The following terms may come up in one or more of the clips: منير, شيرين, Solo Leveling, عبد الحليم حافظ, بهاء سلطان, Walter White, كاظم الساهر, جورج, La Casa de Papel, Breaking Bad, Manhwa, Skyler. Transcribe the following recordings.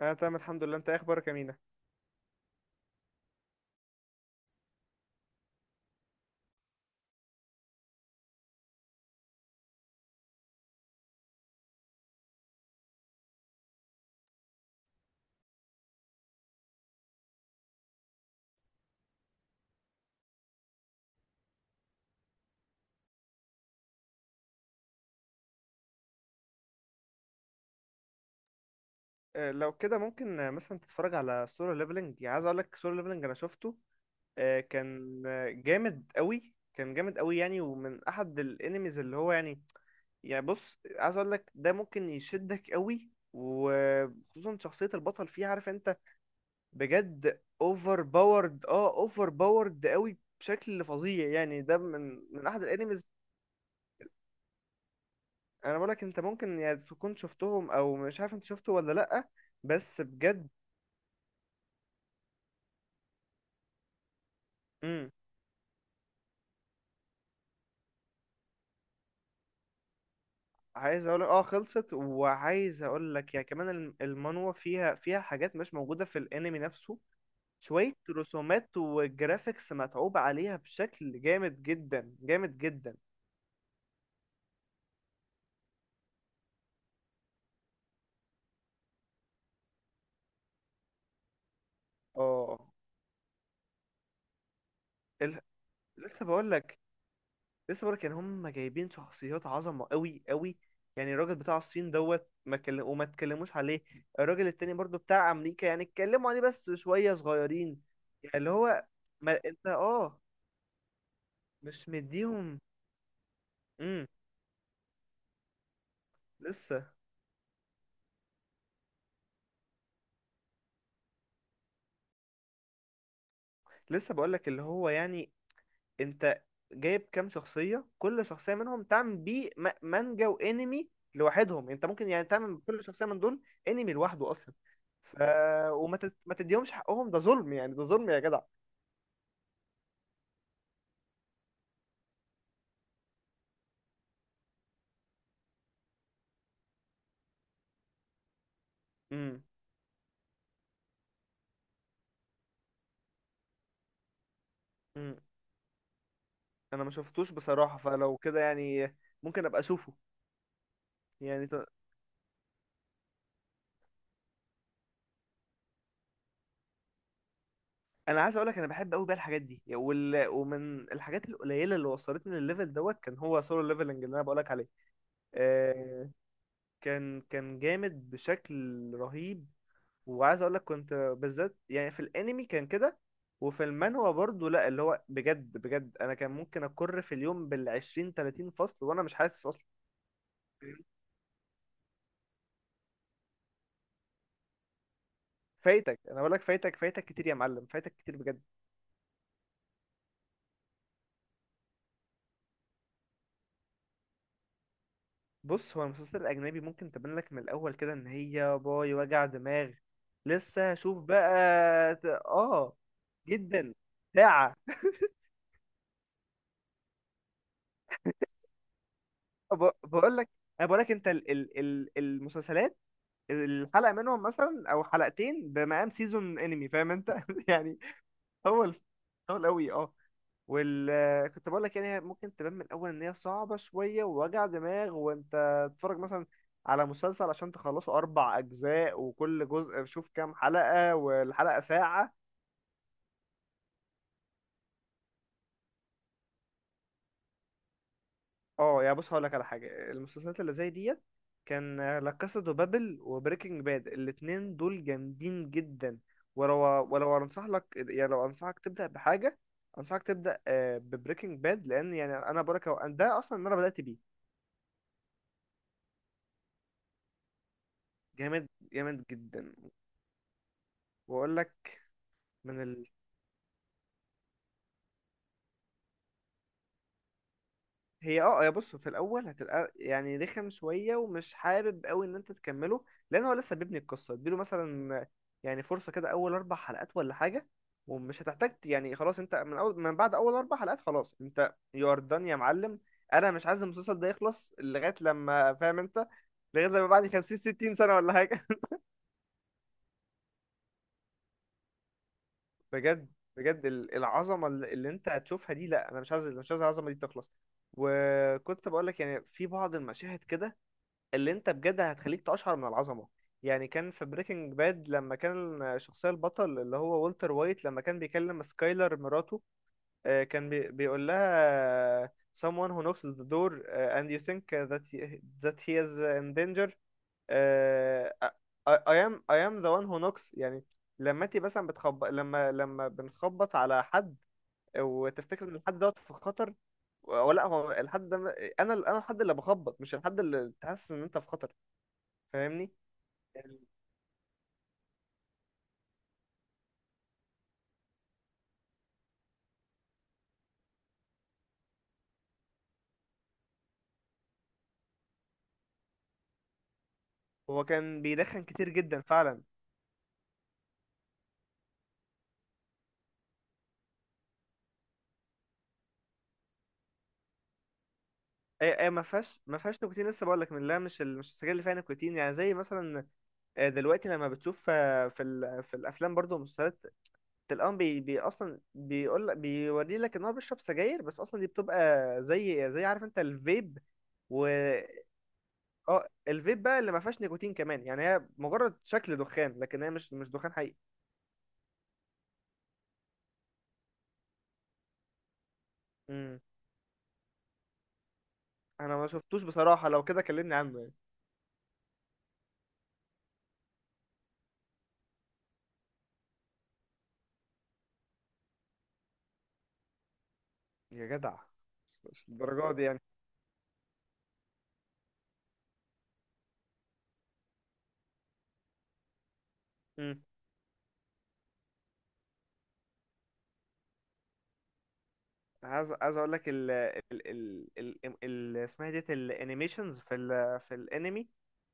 انا تمام الحمد لله. انت إيه اخبارك يا مينا؟ لو كده ممكن مثلا تتفرج على سولو ليفلنج. يعني عايز اقول لك سولو ليفلنج انا شفته. كان جامد قوي، كان جامد قوي يعني، ومن احد الانميز اللي هو يعني بص، عايز اقول لك ده ممكن يشدك قوي، وخصوصا شخصية البطل فيه. عارف انت، بجد اوفر باورد. اه اوفر باورد قوي بشكل فظيع يعني. ده من احد الانميز. انا بقول لك انت ممكن يعني تكون شفتهم، او مش عارف انت شفته ولا لا، بس بجد. امم عايز اقول اه خلصت، وعايز اقول لك يا كمان المانوا فيها حاجات مش موجوده في الانمي نفسه. شويه رسومات وجرافيكس متعوب عليها بشكل جامد جدا، جامد جدا. اه ال... لسه بقول لك، لسه بقول لك يعني، هم جايبين شخصيات عظمه قوي قوي. يعني الراجل بتاع الصين دوت ما وما اتكلموش عليه. الراجل التاني برضو بتاع امريكا يعني اتكلموا عليه بس شويه صغيرين. يعني اللي هو، ما انت اه مش مديهم. مم. لسه. لسه بقولك اللي هو يعني، انت جايب كام شخصية، كل شخصية منهم تعمل بيه مانجا وانمي لوحدهم. انت ممكن يعني تعمل كل شخصية من دول انمي لوحده اصلا. ف وما ما تديهمش حقهم، ده ظلم يعني، ده ظلم يا جدع. امم امم انا ما شفتوش بصراحة، فلو كده يعني ممكن ابقى اشوفه. يعني ط... انا عايز اقولك انا بحب قوي بقى الحاجات دي، ومن الحاجات القليلة اللي وصلتني للليفل دوت كان هو سولو ليفلنج اللي انا بقولك عليه. آه، كان، كان جامد بشكل رهيب. وعايز اقول لك كنت بالذات يعني في الانمي كان كده، وفي المانهوا برضه. لا اللي هو بجد بجد، انا كان ممكن اكر في اليوم بالعشرين تلاتين فصل وانا مش حاسس اصلا. فايتك. انا بقول لك فايتك، فايتك كتير يا معلم، فايتك كتير بجد. بص، هو المسلسل الاجنبي ممكن تبان لك من الاول كده ان هي باي وجع دماغ. لسه شوف بقى اه. جدا. ساعة بقول لك، انا بقول لك انت ال المسلسلات، الحلقه منهم مثلا او حلقتين بمقام سيزون انمي. فاهم انت يعني طول، طول قوي اه. وال كنت بقول لك يعني هي ممكن تبان من الاول ان هي صعبه شويه ووجع دماغ، وانت تتفرج مثلا على مسلسل عشان تخلصه اربع اجزاء، وكل جزء شوف كام حلقه، والحلقه ساعه. اه يعني بص هقول لك على حاجه. المسلسلات اللي زي ديت كان لا كاسا دو بابل وبريكنج باد، الاتنين دول جامدين جدا. ولو ولو انصح لك يعني، لو انصحك تبدا بحاجه، انصحك تبدا ببريكنج باد. لان يعني انا بقول لك ده اصلا اللي انا بدات بيه. جامد، جامد جدا. واقول لك من. هي اه، يا بص في الاول هتبقى يعني رخم شويه، ومش حابب قوي ان انت تكمله، لان هو لسه بيبني القصه. اديله مثلا يعني فرصه كده، اول اربع حلقات ولا حاجه. ومش هتحتاج يعني خلاص انت من اول، من بعد اول اربع حلقات، خلاص انت يو ار دان يا معلم. انا مش عايز المسلسل ده يخلص لغايه لما فاهم انت، لغايه لما بعد 50 60 سنه ولا حاجه. بجد، بجد العظمه اللي اللي انت هتشوفها دي، لا انا مش عايز، مش عايز العظمه دي تخلص. وكنت بقول لك يعني في بعض المشاهد كده اللي انت بجد هتخليك تقشعر من العظمه. يعني كان في بريكنج باد، لما كان الشخصيه البطل اللي هو والتر وايت، لما كان بيكلم سكايلر مراته، كان بيقول لها، آه، someone who knocks the door, and you think that that he is in danger. آه، I, I am the one who knocks. يعني لما انت مثلا بتخبط، لما بنخبط على حد، وتفتكر ان الحد دوت في خطر، ولا هو الحد ده. انا الحد اللي بخبط، مش الحد اللي تحس ان انت في خطر. فاهمني. هو كان بيدخن كتير جدا فعلا. اي ما فيهاش نيكوتين. لسه بقول لك، من لا، مش السجاير اللي فيها نيكوتين، يعني زي مثلا دلوقتي لما بتشوف في الافلام برضو والمسلسلات، تلقاهم بي اصلا بيقول لك، بيوري لك ان هو بيشرب سجاير، بس اصلا دي بتبقى زي، زي عارف انت الفيب. و اه الفيب بقى اللي ما فيهاش نيكوتين كمان. يعني هي مجرد شكل دخان، لكن هي مش، مش دخان حقيقي. امم. انا ما شفتوش بصراحة، لو كده كلمني عنه يعني. يا جدع، مش مش الدرجة دي يعني. مم. عايز، عايز اقول لك ال اسمها ديت الانيميشنز في ال، في الانمي،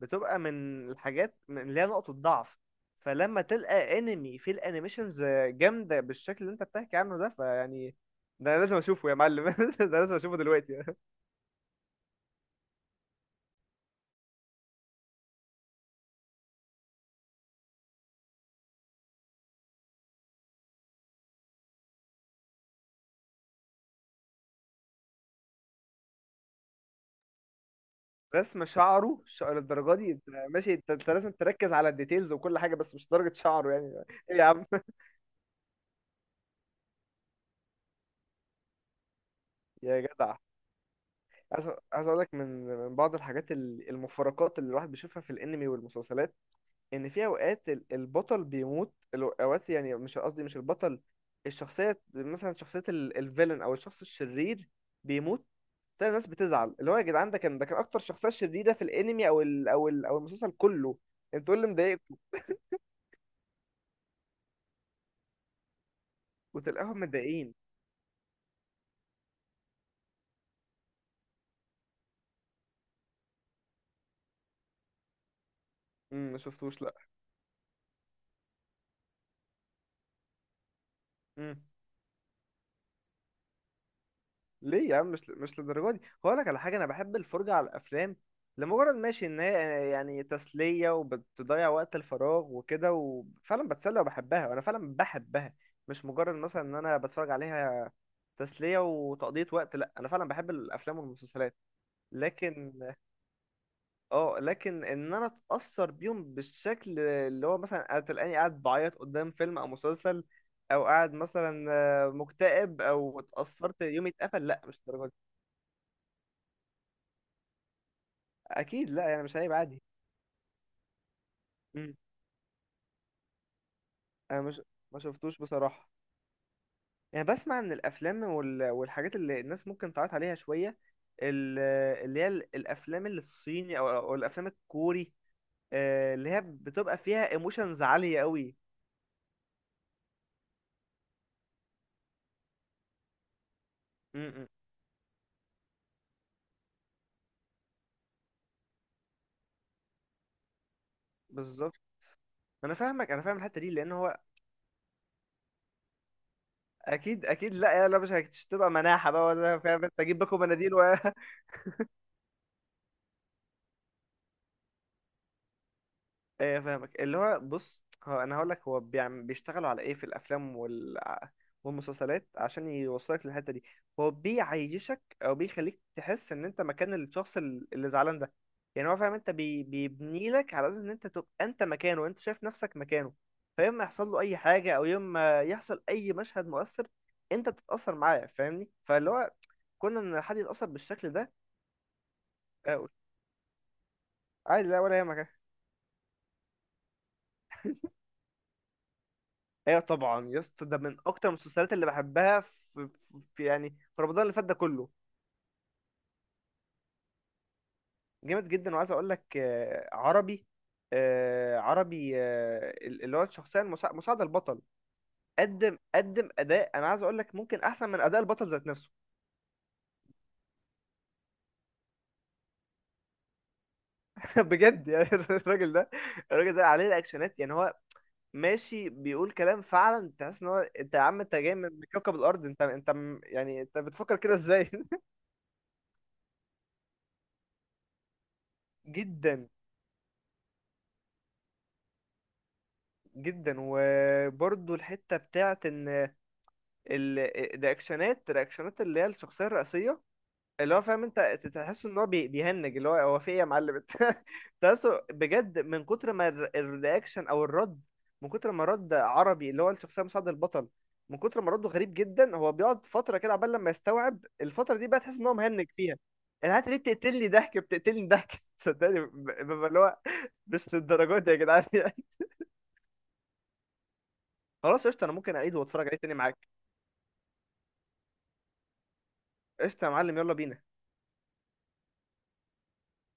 بتبقى من الحاجات، من اللي هي نقطة ضعف. فلما تلقى انمي فيه الانيميشنز جامدة بالشكل اللي انت بتحكي عنه ده، فيعني ده لازم اشوفه يا معلم ده لازم اشوفه دلوقتي. رسم شعره للدرجه دي انت؟ ماشي، أنت لازم تركز على الديتيلز وكل حاجة، بس مش درجة شعره يعني. ايه يا عم يا جدع، عايز، عايز اقول لك من، من بعض الحاجات، المفارقات اللي الواحد بيشوفها في الانمي والمسلسلات، ان في اوقات البطل بيموت، اوقات يعني مش قصدي مش البطل، الشخصيه مثلا، شخصيه الفيلن او الشخص الشرير بيموت. تلاقي الناس بتزعل، اللي هو يا جدعان ده كان، ده كان اكتر شخصيه شريره في الانمي او او المسلسل كله. انتوا إيه اللي مضايقكم؟ وتلاقيهم متضايقين. امم، ما شفتوش لا. امم. ليه يا عم، مش مش للدرجه دي. هقول لك على حاجه، انا بحب الفرجه على الافلام لمجرد ماشي ان هي يعني تسليه وبتضيع وقت الفراغ وكده، وفعلا بتسلى وبحبها، وانا فعلا بحبها. مش مجرد مثلا ان انا بتفرج عليها تسليه وتقضيه وقت. لا، انا فعلا بحب الافلام والمسلسلات، لكن. اه لكن ان انا اتاثر بيهم بالشكل اللي هو مثلا تلاقيني قاعد بعيط قدام فيلم او مسلسل، او قاعد مثلا مكتئب او اتاثرت يومي اتقفل، لا مش الدرجه دي. اكيد، لا يعني مش عيب عادي. مم. انا مش، ما شفتوش بصراحه. يعني بسمع ان الافلام والحاجات اللي الناس ممكن تعيط عليها شويه، ال- اللي هي الافلام اللي الصيني، او أو الافلام الكوري، اللي هي بتبقى فيها ايموشنز عاليه قوي. مم. بالظبط. انا فاهمك، انا فاهم الحته دي لان هو. اكيد، اكيد، لا يلا، مش هتبقى مناحه بقى ولا، فاهم انت، اجيب لكم مناديل ايه فاهمك. اللي هو بص، هو انا هقول لك، هو بيشتغلوا على ايه في الافلام والمسلسلات عشان يوصلك للحته دي. هو بيعيشك، او بيخليك تحس ان انت مكان الشخص اللي زعلان ده. يعني هو فاهم انت بيبني لك على اساس ان انت تبقى انت مكانه، وانت شايف نفسك مكانه. فيوم ما يحصل له اي حاجه، او يوم ما يحصل اي مشهد مؤثر، انت تتاثر معاه. فاهمني. فاللي هو كنا ان حد يتاثر بالشكل ده. قول، عادي لا ولا يهمك. ايوه طبعا يا اسطى، ده من اكتر المسلسلات اللي بحبها في، في يعني، في رمضان اللي فات ده كله. جامد جدا. وعايز اقول لك عربي، عربي، اللي هو الشخصيه مساعده البطل، قدم، قدم اداء انا عايز اقول لك ممكن احسن من اداء البطل ذات نفسه. بجد يعني الراجل ده، الراجل ده عليه الاكشنات. يعني هو ماشي بيقول كلام فعلا تحس ان هو، انت يا عم انت جاي من كوكب الارض، انت انت يعني انت بتفكر كده ازاي جدا، جدا. وبرضو الحته بتاعت ان ال- الرياكشنات، الرياكشنات اللي هي الشخصيه الرئيسيه اللي هو فاهم انت، تحس ان هو بيهنج اللي هو، هو في ايه يا معلم انت تحسه بجد، من كتر ما الرياكشن او الرد، من كتر ما رد عربي اللي هو الشخصيه مساعد البطل، من كتر ما رده غريب جدا، هو بيقعد فتره كده عبال لما يستوعب الفتره دي بقى، تحس ان هو مهنج فيها. انا انت ليه بتقتلني ضحك، بتقتلني ضحك صدقني ببقى اللي هو، مش للدرجات دي يا جدعان يعني. خلاص قشطه، انا ممكن اعيد واتفرج عليه تاني معاك. قشطة يا معلم، يلا بينا.